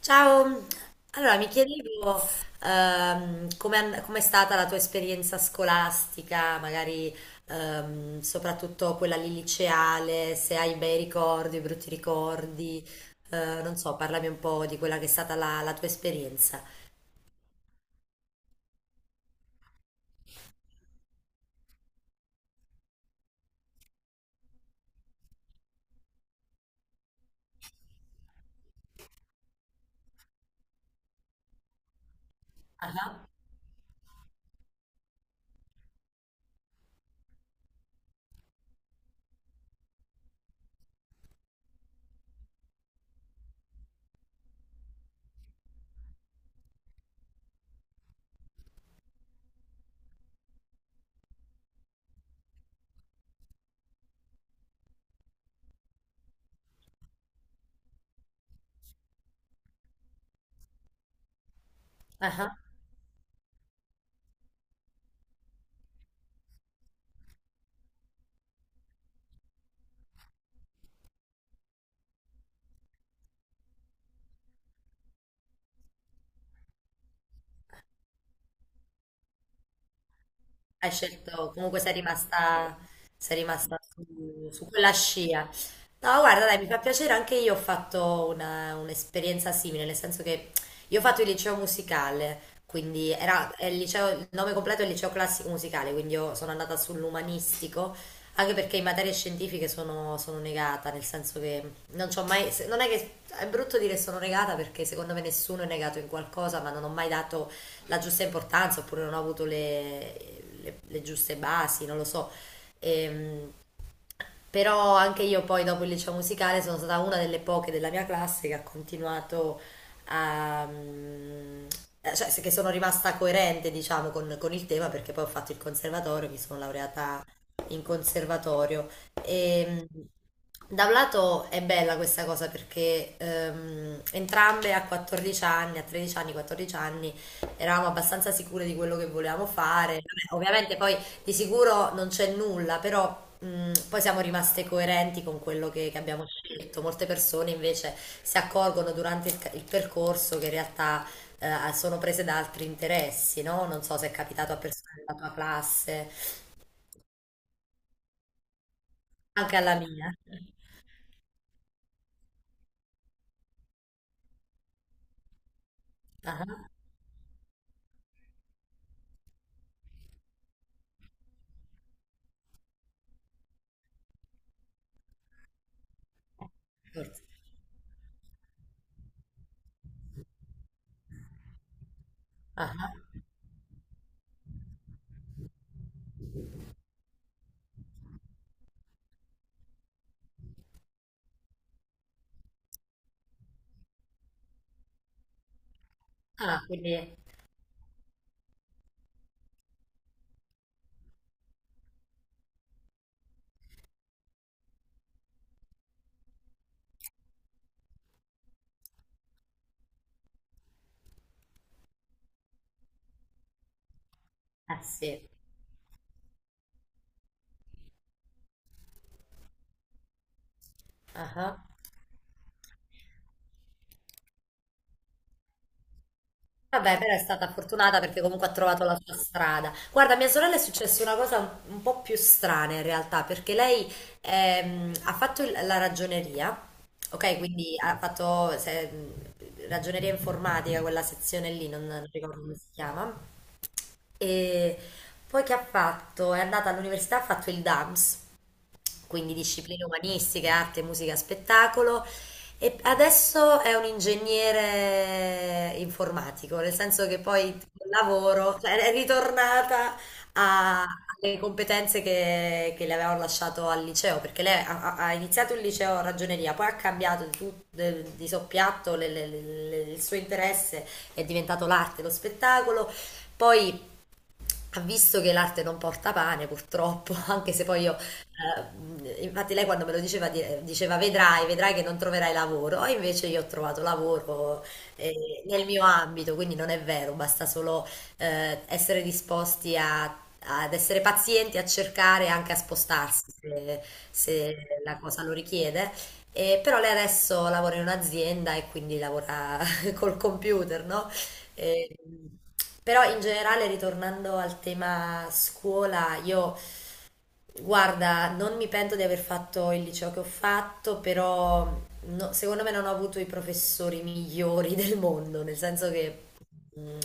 Ciao, allora mi chiedevo come com'è stata la tua esperienza scolastica, magari soprattutto quella lì liceale, se hai bei ricordi, brutti ricordi, non so, parlami un po' di quella che è stata la tua esperienza. Ah, ah. Hai scelto, comunque sei rimasta, sei rimasta su, su quella scia. No, guarda, dai, mi fa piacere, anche io ho fatto un'esperienza simile, nel senso che io ho fatto il liceo musicale, quindi era è il liceo, il nome completo è il liceo classico musicale, quindi io sono andata sull'umanistico, anche perché in materie scientifiche sono negata, nel senso che non c'ho mai, non è che è brutto dire sono negata perché secondo me nessuno è negato in qualcosa, ma non ho mai dato la giusta importanza oppure non ho avuto le giuste basi, non lo so. Ehm, Però anche io poi dopo il liceo musicale sono stata una delle poche della mia classe che ha continuato a... che sono rimasta coerente, diciamo, con il tema perché poi ho fatto il conservatorio, mi sono laureata in conservatorio. E, mm, Da un lato è bella questa cosa perché entrambe a 14 anni, a 13 anni, 14 anni eravamo abbastanza sicure di quello che volevamo fare. Vabbè, ovviamente poi di sicuro non c'è nulla, però poi siamo rimaste coerenti con quello che abbiamo scelto. Molte persone invece si accorgono durante il percorso che in realtà sono prese da altri interessi, no? Non so se è capitato a persone della tua classe, anche alla mia. Ah, forse. Ah, ah, quindi, eh sì. Ah. Vabbè, però è stata fortunata perché comunque ha trovato la sua strada. Guarda, a mia sorella è successa una cosa un po' più strana in realtà, perché lei la ragioneria, ok? Quindi ha fatto se- ragioneria informatica, quella sezione lì, non ricordo come si chiama. E poi che ha fatto? È andata all'università, ha fatto il DAMS, quindi discipline umanistiche, arte, musica, spettacolo. E adesso è un ingegnere informatico, nel senso che poi col lavoro, cioè, è ritornata alle competenze che le avevano lasciato al liceo, perché lei ha iniziato il liceo a ragioneria, poi ha cambiato di soppiatto il suo interesse, è diventato l'arte, lo spettacolo, poi visto che l'arte non porta pane, purtroppo, anche se poi io, infatti lei quando me lo diceva, diceva vedrai, vedrai che non troverai lavoro, e invece io ho trovato lavoro nel mio ambito, quindi non è vero, basta solo eh, essere disposti a- ad essere pazienti, a cercare e anche a spostarsi se, se la cosa lo richiede. E però lei adesso lavora in un'azienda e quindi lavora col computer, no? Eh, però in generale, ritornando al tema scuola, io guarda, non mi pento di aver fatto il liceo che ho fatto, però secondo me non ho avuto i professori migliori del mondo, nel senso che mm,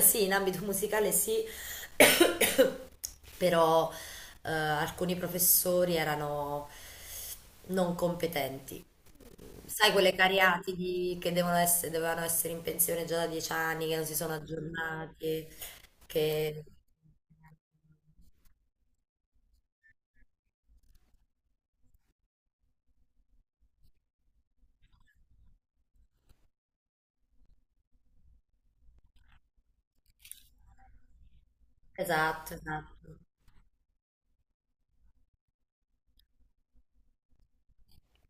sì, in ambito musicale sì, però alcuni professori erano non competenti. Sai quelle cariatidi che dovevano essere in pensione già da 10 anni, che non si sono aggiornati, che... Esatto, esatto.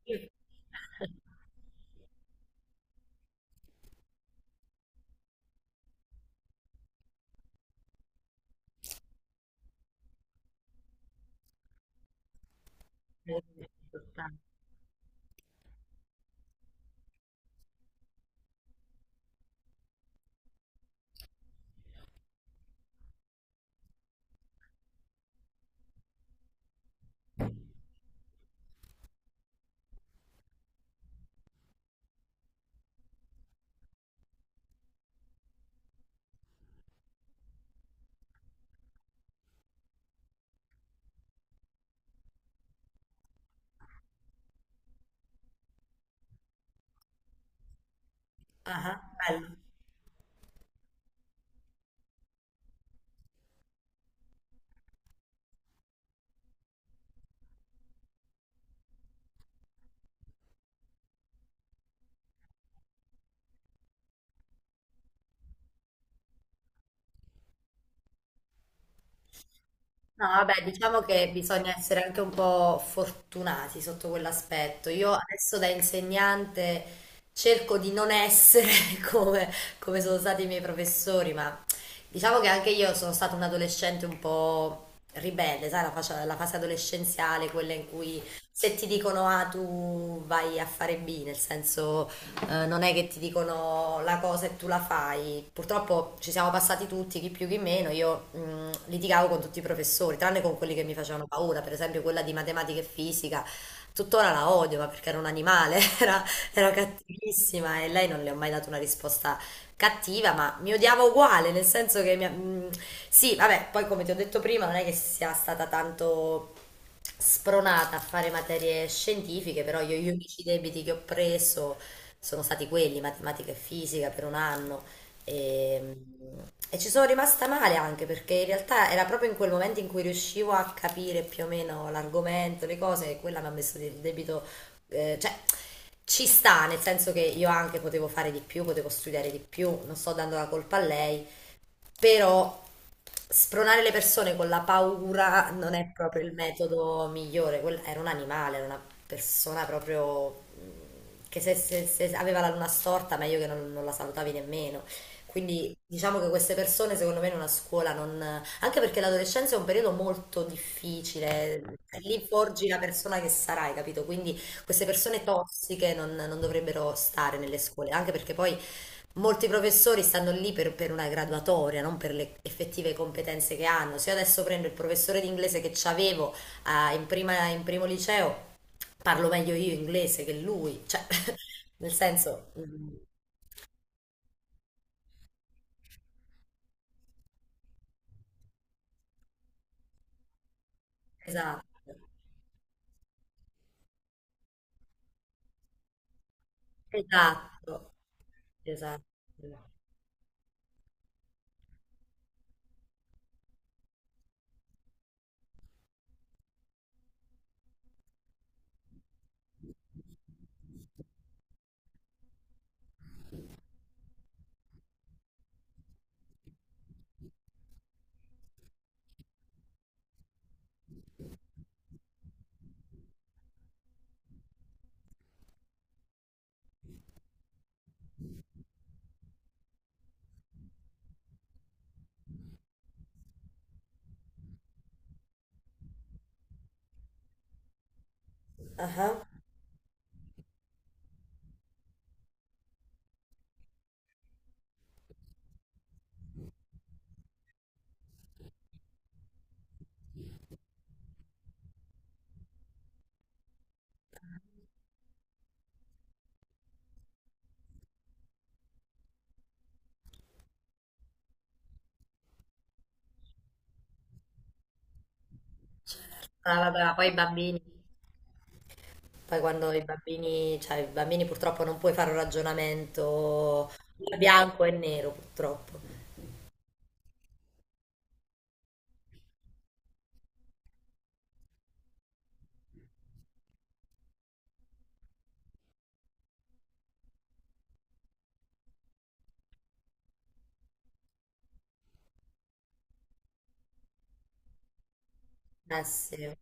Io- Ah, bello. No, vabbè, diciamo che bisogna essere anche un po' fortunati sotto quell'aspetto. Io adesso da insegnante cerco di non essere come, come sono stati i miei professori, ma diciamo che anche io sono stata un adolescente un po' ribelle, sai, la fase adolescenziale, quella in cui se ti dicono A tu vai a fare B, nel senso non è che ti dicono la cosa e tu la fai. Purtroppo ci siamo passati tutti, chi più chi meno. Io litigavo con tutti i professori, tranne con quelli che mi facevano paura, per esempio quella di matematica e fisica. Tuttora la odio, ma perché era un animale, era, era cattivissima e lei non le ho mai dato una risposta cattiva, ma mi odiava uguale, nel senso che sì, vabbè, poi come ti ho detto prima, non è che sia stata tanto spronata a fare materie scientifiche, però io gli unici debiti che ho preso sono stati quelli, matematica e fisica per un anno. E, e ci sono rimasta male anche perché in realtà era proprio in quel momento in cui riuscivo a capire più o meno l'argomento, le cose, e quella mi ha messo il debito, eh, cioè ci sta, nel senso che io anche potevo fare di più, potevo studiare di più, non sto dando la colpa a lei, però spronare le persone con la paura non è proprio il metodo migliore. Era un animale, era una persona proprio che se aveva la luna storta, meglio che non la salutavi nemmeno. Quindi diciamo che queste persone, secondo me, in una scuola non... Anche perché l'adolescenza è un periodo molto difficile, lì forgi la persona che sarai, capito? Quindi queste persone tossiche non dovrebbero stare nelle scuole, anche perché poi molti professori stanno lì per una graduatoria, non per le effettive competenze che hanno. Se io adesso prendo il professore di inglese che avevo in primo liceo, parlo meglio io inglese che lui. Cioè, nel senso, esatto, esatto, esatto. Ah, ah, vabbè, ma poi i bambini, poi quando i bambini, cioè i bambini purtroppo non puoi fare un ragionamento bianco e nero, purtroppo. Eh sì.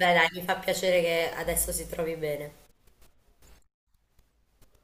Beh, dai, mi fa piacere che adesso si trovi bene.